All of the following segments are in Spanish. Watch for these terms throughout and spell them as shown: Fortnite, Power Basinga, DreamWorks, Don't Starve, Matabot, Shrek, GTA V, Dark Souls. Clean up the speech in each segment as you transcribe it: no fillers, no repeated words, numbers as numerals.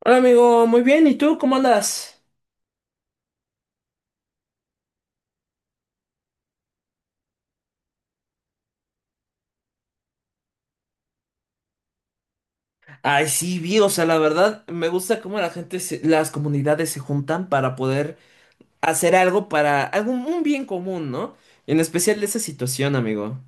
Hola amigo, muy bien, ¿y tú cómo andas? Ay, sí, vi, o sea, la verdad me gusta cómo la gente, las comunidades se juntan para poder hacer algo para algún un bien común, ¿no? En especial de esa situación, amigo.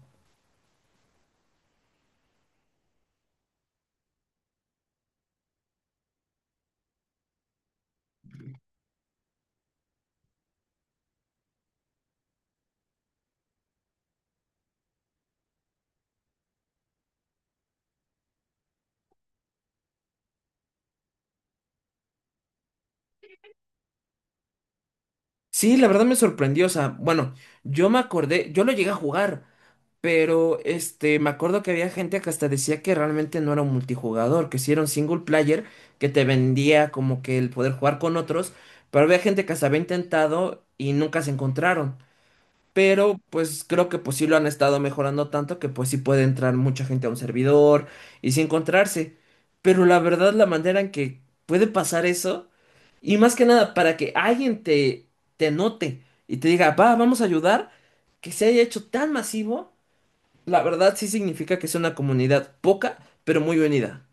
Sí, la verdad me sorprendió, o sea, bueno, yo me acordé, yo lo llegué a jugar, pero me acuerdo que había gente que hasta decía que realmente no era un multijugador, que sí era un single player que te vendía como que el poder jugar con otros, pero había gente que hasta había intentado y nunca se encontraron. Pero pues creo que pues sí lo han estado mejorando tanto que pues sí puede entrar mucha gente a un servidor y sí encontrarse. Pero la verdad la manera en que puede pasar eso y más que nada para que alguien te note y te diga, va, vamos a ayudar, que se haya hecho tan masivo, la verdad sí significa que es una comunidad poca pero muy unida.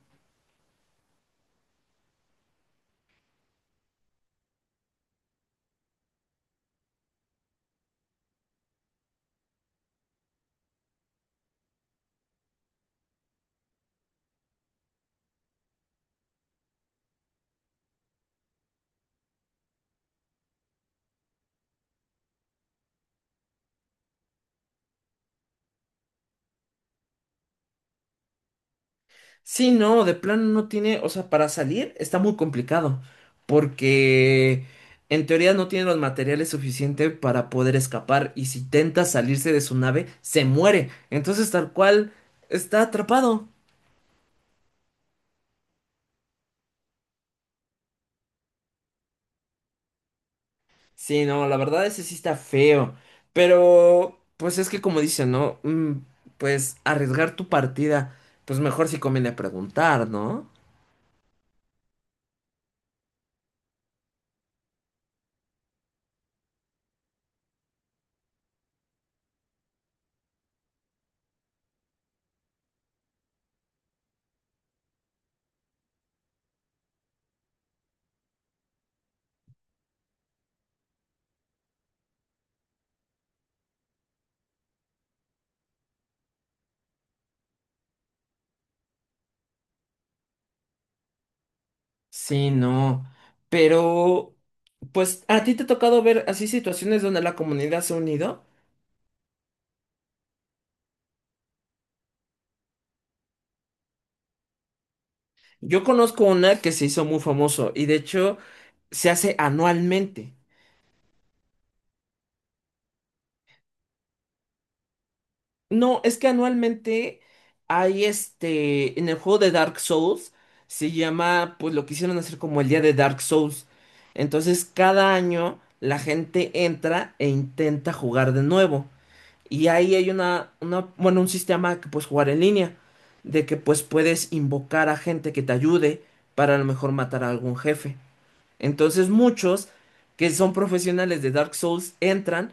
Sí, no, de plano no tiene, o sea, para salir está muy complicado, porque en teoría no tiene los materiales suficientes para poder escapar y si intenta salirse de su nave, se muere. Entonces, tal cual, está atrapado. Sí, no, la verdad ese sí está feo, pero pues es que como dicen, ¿no? Pues arriesgar tu partida, pues mejor si conviene preguntar, ¿no? Sí, no. Pero, pues, ¿a ti te ha tocado ver así situaciones donde la comunidad se ha unido? Yo conozco una que se hizo muy famoso y de hecho se hace anualmente. No, es que anualmente hay en el juego de Dark Souls se llama, pues lo quisieron hacer como el día de Dark Souls. Entonces, cada año la gente entra e intenta jugar de nuevo. Y ahí hay bueno, un sistema que puedes jugar en línea, de que pues puedes invocar a gente que te ayude para a lo mejor matar a algún jefe. Entonces muchos que son profesionales de Dark Souls entran,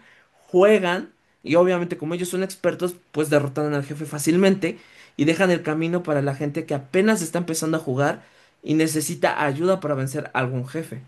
juegan y obviamente como ellos son expertos, pues derrotan al jefe fácilmente y dejan el camino para la gente que apenas está empezando a jugar y necesita ayuda para vencer a algún jefe.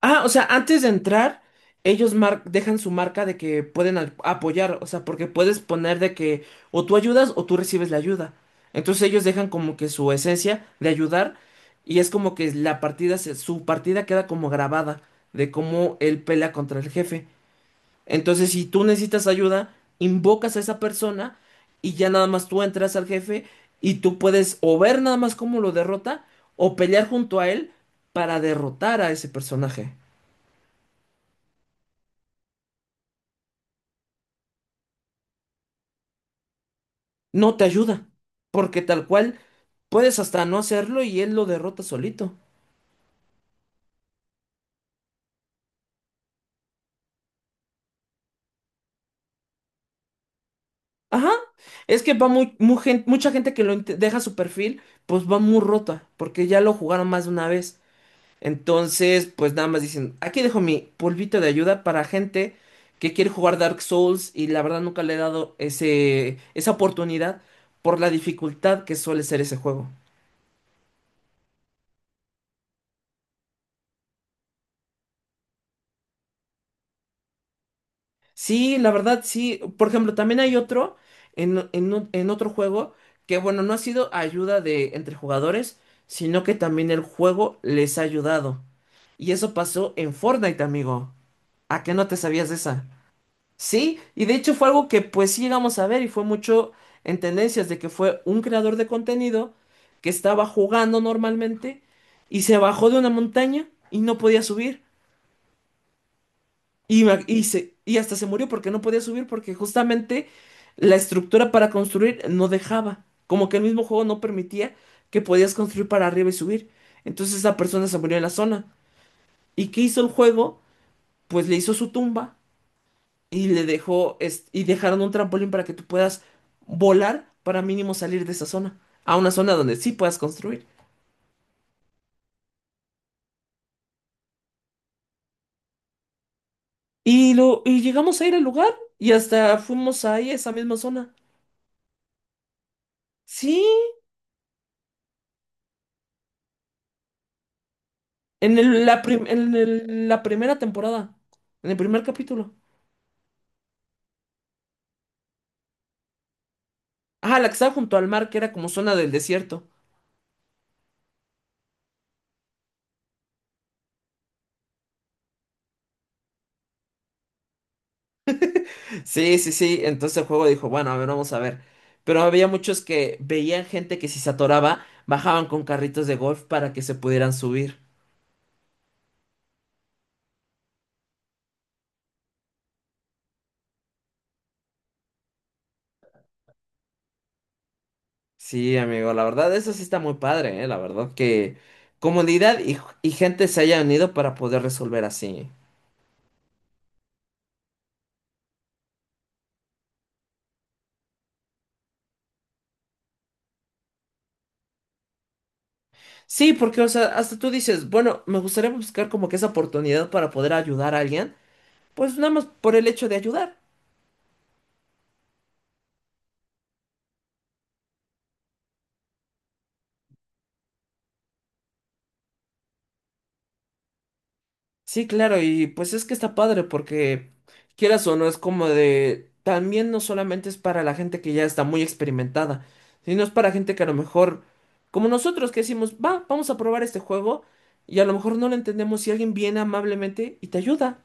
Ah, o sea, antes de entrar, ellos dejan su marca de que pueden apoyar, o sea, porque puedes poner de que o tú ayudas o tú recibes la ayuda. Entonces ellos dejan como que su esencia de ayudar y es como que su partida queda como grabada de cómo él pelea contra el jefe. Entonces, si tú necesitas ayuda, invocas a esa persona y ya nada más tú entras al jefe y tú puedes o ver nada más cómo lo derrota o pelear junto a él para derrotar a ese personaje. No te ayuda, porque tal cual puedes hasta no hacerlo y él lo derrota solito. Ajá, es que va mucha gente que lo deja su perfil, pues va muy rota, porque ya lo jugaron más de una vez. Entonces, pues nada más dicen, aquí dejo mi polvito de ayuda para gente que quiere jugar Dark Souls y la verdad nunca le he dado ese, esa oportunidad por la dificultad que suele ser ese juego. Sí, la verdad, sí. Por ejemplo, también hay otro en otro juego que, bueno, no ha sido ayuda de entre jugadores, sino que también el juego les ha ayudado. Y eso pasó en Fortnite, amigo. ¿A qué no te sabías de esa? Sí, y de hecho fue algo que pues sí llegamos a ver y fue mucho en tendencias de que fue un creador de contenido que estaba jugando normalmente y se bajó de una montaña y no podía subir. Y hasta se murió porque no podía subir porque justamente la estructura para construir no dejaba. Como que el mismo juego no permitía que podías construir para arriba y subir. Entonces esa persona se murió en la zona. ¿Y qué hizo el juego? Pues le hizo su tumba y y dejaron un trampolín para que tú puedas volar para mínimo salir de esa zona. A una zona donde sí puedas construir. Y llegamos a ir al lugar y hasta fuimos ahí a esa misma zona. Sí. En la primera temporada, en el primer capítulo. Ah, la que estaba junto al mar, que era como zona del desierto. Sí, sí, sí. Entonces el juego dijo, bueno, a ver, vamos a ver. Pero había muchos que veían gente que si se atoraba, bajaban con carritos de golf para que se pudieran subir. Sí, amigo, la verdad, eso sí está muy padre, ¿eh? La verdad que comunidad y gente se hayan unido para poder resolver así. Sí, porque, o sea, hasta tú dices, bueno, me gustaría buscar como que esa oportunidad para poder ayudar a alguien. Pues nada más por el hecho de ayudar. Sí, claro, y pues es que está padre porque quieras o no, es como de, también no solamente es para la gente que ya está muy experimentada, sino es para gente que a lo mejor, como nosotros que decimos, va, vamos a probar este juego y a lo mejor no lo entendemos y alguien viene amablemente y te ayuda.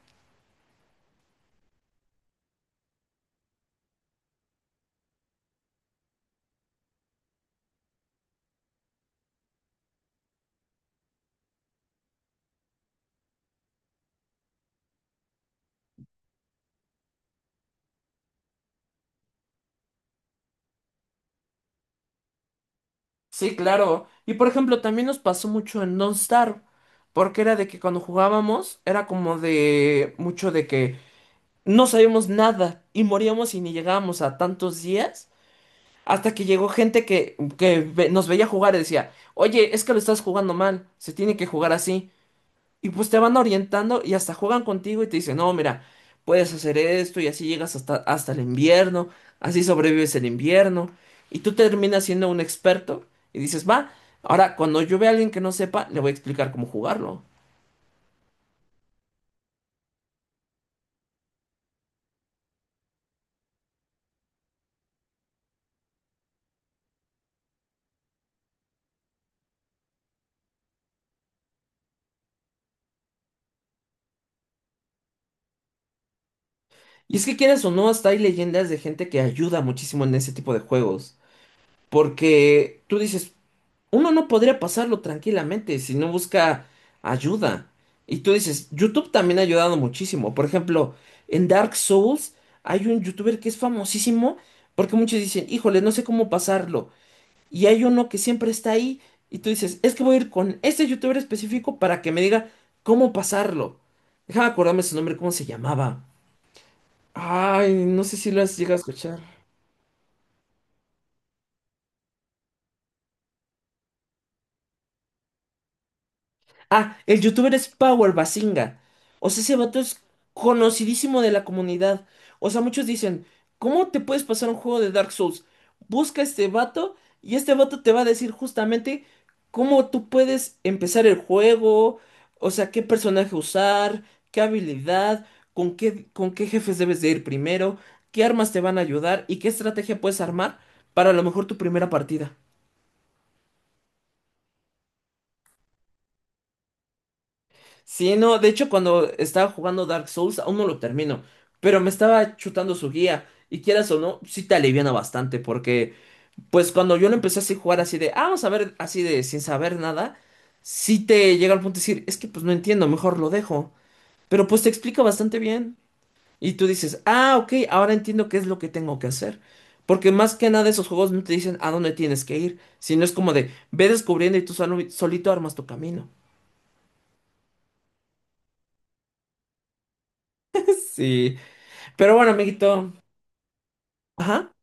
Sí, claro. Y por ejemplo, también nos pasó mucho en Don't Starve, porque era de que cuando jugábamos era como de mucho de que no sabíamos nada y moríamos y ni llegábamos a tantos días. Hasta que llegó gente que nos veía jugar y decía, oye, es que lo estás jugando mal, se tiene que jugar así. Y pues te van orientando y hasta juegan contigo y te dicen, no, mira, puedes hacer esto y así llegas hasta el invierno, así sobrevives el invierno. Y tú terminas siendo un experto y dices, va, ahora cuando yo vea a alguien que no sepa, le voy a explicar cómo jugarlo. Y es que quieras o no, hasta hay leyendas de gente que ayuda muchísimo en ese tipo de juegos. Porque tú dices, uno no podría pasarlo tranquilamente si no busca ayuda. Y tú dices, YouTube también ha ayudado muchísimo. Por ejemplo, en Dark Souls hay un youtuber que es famosísimo porque muchos dicen, híjole, no sé cómo pasarlo. Y hay uno que siempre está ahí y tú dices, es que voy a ir con este youtuber específico para que me diga cómo pasarlo. Déjame acordarme su nombre, cómo se llamaba. Ay, no sé si lo has llegado a escuchar. Ah, el youtuber es Power Basinga. O sea, ese vato es conocidísimo de la comunidad. O sea, muchos dicen, ¿cómo te puedes pasar un juego de Dark Souls? Busca a este vato y este vato te va a decir justamente cómo tú puedes empezar el juego, o sea, qué personaje usar, qué habilidad, con qué jefes debes de ir primero, qué armas te van a ayudar y qué estrategia puedes armar para a lo mejor tu primera partida. Sí, no, de hecho cuando estaba jugando Dark Souls aún no lo termino, pero me estaba chutando su guía y quieras o no, sí te aliviana bastante porque pues cuando yo lo empecé así a jugar así de, ah, vamos a ver así de sin saber nada, sí te llega al punto de decir, es que pues no entiendo, mejor lo dejo, pero pues te explica bastante bien y tú dices, ah, ok, ahora entiendo qué es lo que tengo que hacer. Porque más que nada esos juegos no te dicen a dónde tienes que ir, sino es como de ve descubriendo y tú solito armas tu camino. Sí, pero bueno, amiguito. Ajá.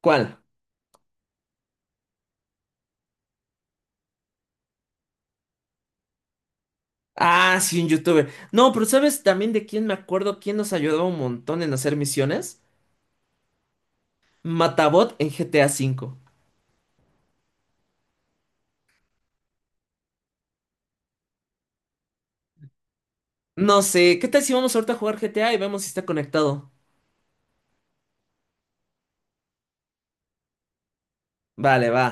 ¿Cuál? Ah, sí, un youtuber. No, pero ¿sabes también de quién me acuerdo? ¿Quién nos ayudó un montón en hacer misiones? Matabot en GTA V. No sé, ¿qué tal si vamos ahorita a jugar GTA y vemos si está conectado? Vale, va.